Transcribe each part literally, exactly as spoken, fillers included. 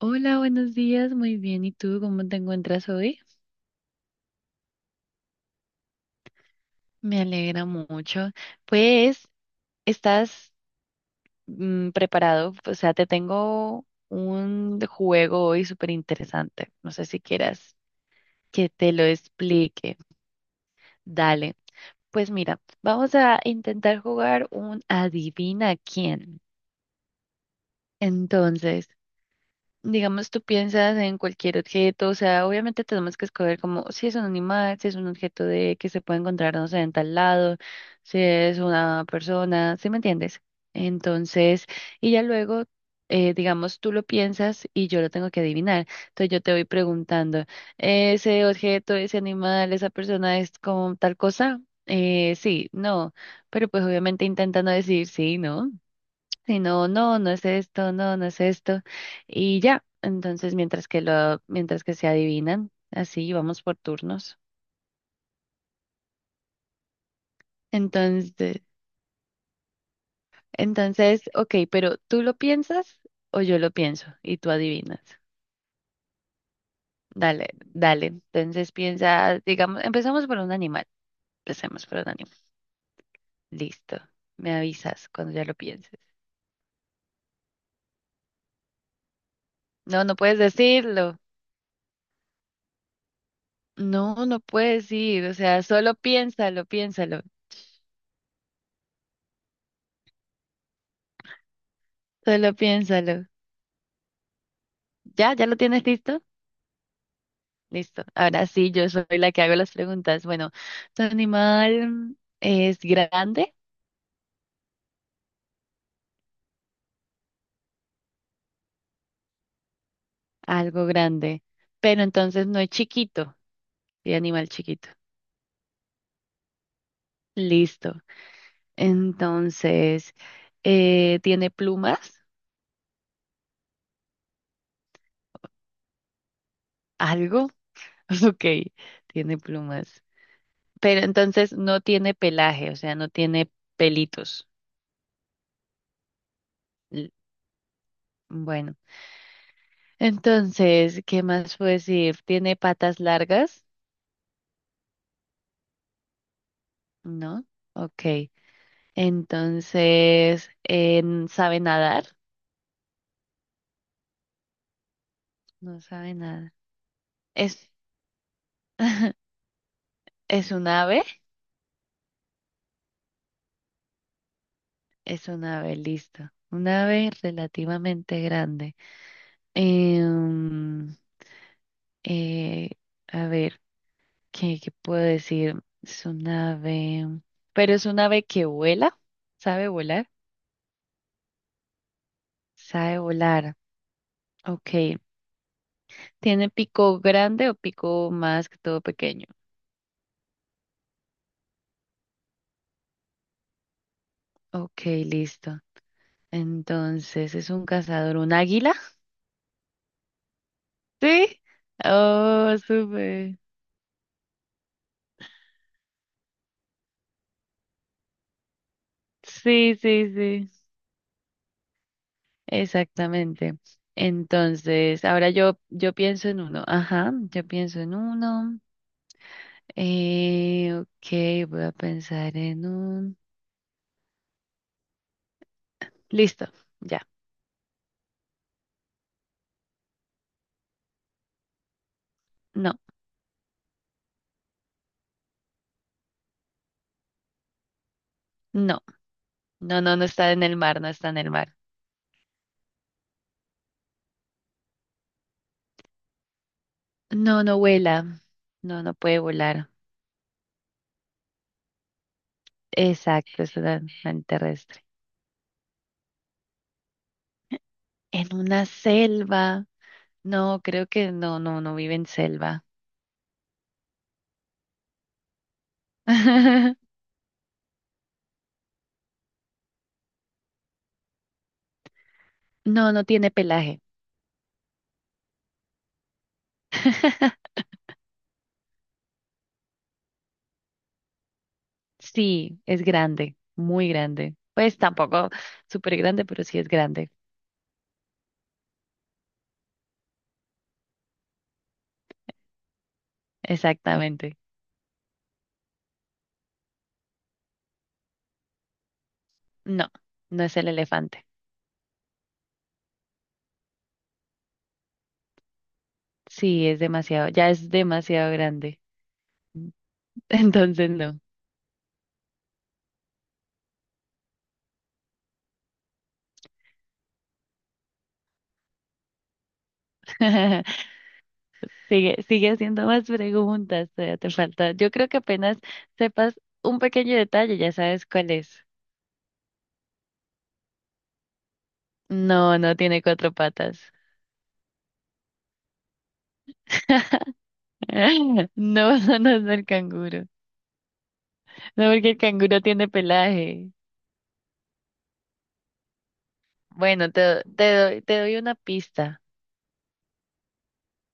Hola, buenos días, muy bien. ¿Y tú cómo te encuentras hoy? Me alegra mucho. Pues, ¿estás mm, preparado? O sea, te tengo un juego hoy súper interesante. No sé si quieras que te lo explique. Dale. Pues mira, vamos a intentar jugar un adivina quién. Entonces, digamos, tú piensas en cualquier objeto, o sea, obviamente tenemos que escoger como si es un animal, si es un objeto de que se puede encontrar, no sé, en tal lado, si es una persona, ¿sí me entiendes? Entonces, y ya luego, eh, digamos, tú lo piensas y yo lo tengo que adivinar. Entonces yo te voy preguntando, ¿ese objeto, ese animal, esa persona es como tal cosa? Eh, sí, no, pero pues obviamente intenta no decir sí, ¿no? Si no, no, no es esto, no, no es esto. Y ya, entonces mientras que lo, mientras que se adivinan, así vamos por turnos. Entonces, entonces, ok, pero ¿tú lo piensas o yo lo pienso y tú adivinas? Dale, dale. Entonces piensa, digamos, empezamos por un animal. Empecemos por un animal. Listo. Me avisas cuando ya lo pienses. No, no puedes decirlo. No, no puedes ir. O sea, solo piénsalo, piénsalo. Solo piénsalo. ¿Ya? ¿Ya lo tienes listo? Listo. Ahora sí, yo soy la que hago las preguntas. Bueno, ¿tu animal es grande? Algo grande. Pero entonces no es chiquito. Sí, animal chiquito. Listo. Entonces, eh, ¿tiene plumas? ¿Algo? Ok, tiene plumas. Pero entonces no tiene pelaje, o sea, no tiene pelitos. L- Bueno, entonces, ¿qué más puedo decir? ¿Tiene patas largas? No. Ok. Entonces, em, ¿sabe nadar? No sabe nada. Es, es un ave, es un ave, listo. Un ave relativamente grande. Em, eh, a ver, ¿qué, qué puedo decir? Es un ave, pero es un ave que vuela, ¿sabe volar? Sabe volar. Ok. ¿Tiene pico grande o pico más que todo pequeño? Ok, listo. Entonces, ¿es un cazador, un águila? ¿Sí? Oh, súper. Sí, sí, sí. Exactamente. Entonces, ahora yo, yo pienso en uno. Ajá, yo pienso en uno. Eh, ok, voy a pensar en un. Listo, ya. No, no, no, no, no está en el mar, no está en el mar. No, no vuela. No, no puede volar. Exacto, es un animal terrestre. En una selva. No, creo que no, no, no vive en selva. No, no tiene pelaje. Sí, es grande, muy grande. Pues tampoco súper grande, pero sí es grande. Exactamente. No, no es el elefante. Sí, es demasiado, ya es demasiado grande. Entonces no. Sigue, sigue haciendo más preguntas, todavía te falta. Yo creo que apenas sepas un pequeño detalle, ya sabes cuál es. No, no tiene cuatro patas. No, no, no es el canguro. No, porque el canguro tiene pelaje. Bueno, te, do- te doy, te doy una pista.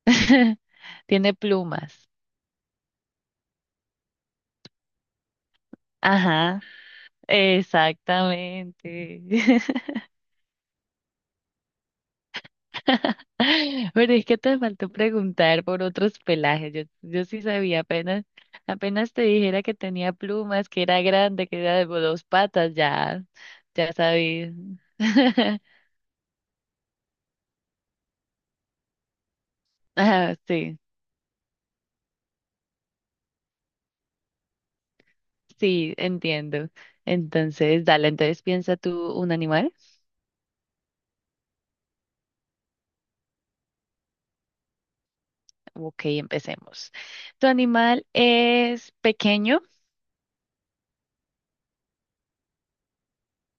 Tiene plumas. Ajá, exactamente. Pero es que te faltó preguntar por otros pelajes. Yo, yo sí sabía, apenas, apenas te dijera que tenía plumas, que era grande, que era de dos patas, ya, ya sabía. Ah, sí, sí, entiendo. Entonces, dale, entonces piensa tú un animal. Ok, empecemos. Tu animal es pequeño.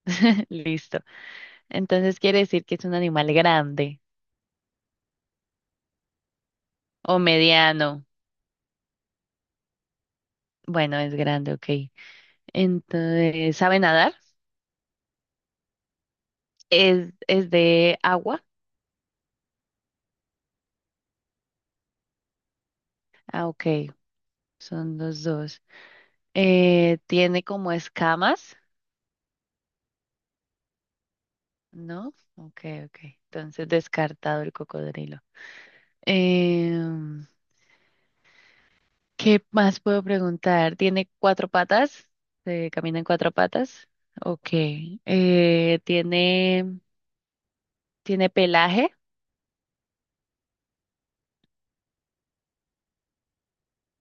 Listo. Entonces quiere decir que es un animal grande o mediano. Bueno, es grande, ok. Entonces, ¿sabe nadar? ¿Es, es de agua? Ah, ok. Son los dos. Eh, ¿tiene como escamas? ¿No? Ok, ok. Entonces, descartado el cocodrilo. Eh, ¿Qué más puedo preguntar? ¿Tiene cuatro patas? ¿Se camina en cuatro patas? Ok. Eh, ¿tiene, tiene pelaje?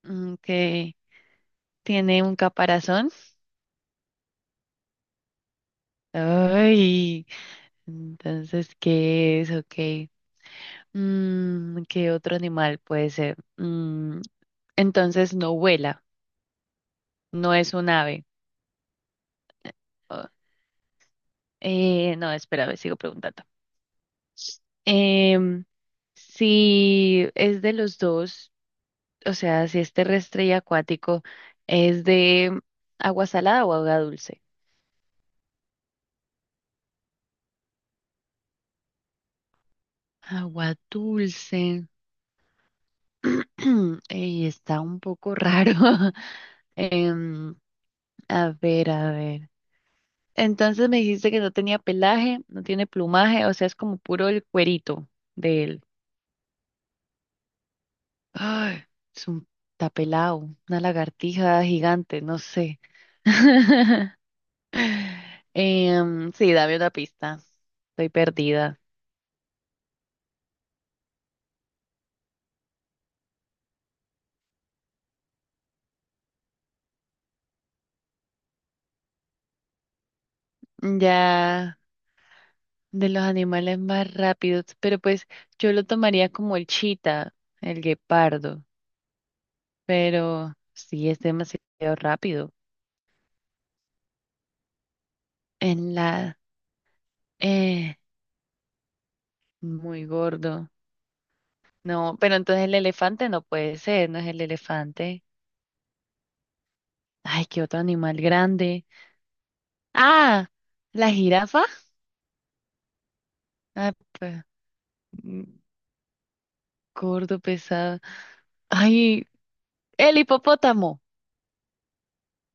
Ok. ¿Tiene un caparazón? Ay, entonces, ¿qué es? Ok. Mm, ¿qué otro animal puede ser? Mm, entonces, no vuela, no es un ave. Oh, eh, no, espera, a ver, sigo preguntando. Em, si es de los dos, o sea, si es terrestre y acuático, ¿es de agua salada o agua dulce? Agua dulce. Ey, está un poco raro. Em, a ver, a ver. Entonces me dijiste que no tenía pelaje, no tiene plumaje, o sea, es como puro el cuerito de él. Ay, es un está pelado, una lagartija gigante, no sé. Em, sí, dame una pista. Estoy perdida. Ya de los animales más rápidos, pero pues yo lo tomaría como el chita, el guepardo, pero sí es demasiado rápido. En la, eh, muy gordo. No, pero entonces el elefante no puede ser, no es el elefante. Ay, qué otro animal grande. Ah, la jirafa. Ah, pues, mm, gordo, pesado. Ay, el hipopótamo.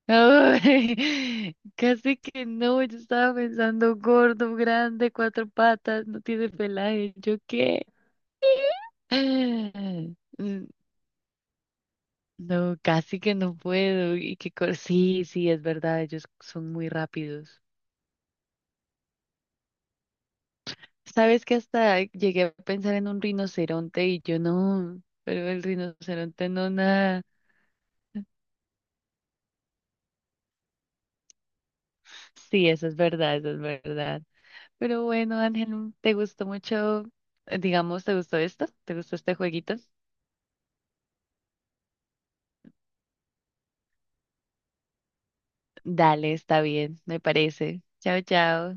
Ay, casi que no, yo estaba pensando gordo, grande, cuatro patas, no tiene pelaje, ¿yo qué? Mm, no, casi que no puedo, y que cor- sí, sí, es verdad, ellos son muy rápidos. Sabes que hasta llegué a pensar en un rinoceronte y yo no, pero el rinoceronte no nada. Sí, eso es verdad, eso es verdad. Pero bueno, Ángel, ¿te gustó mucho, eh, digamos, te gustó esto? ¿Te gustó este jueguito? Dale, está bien, me parece. Chao, chao.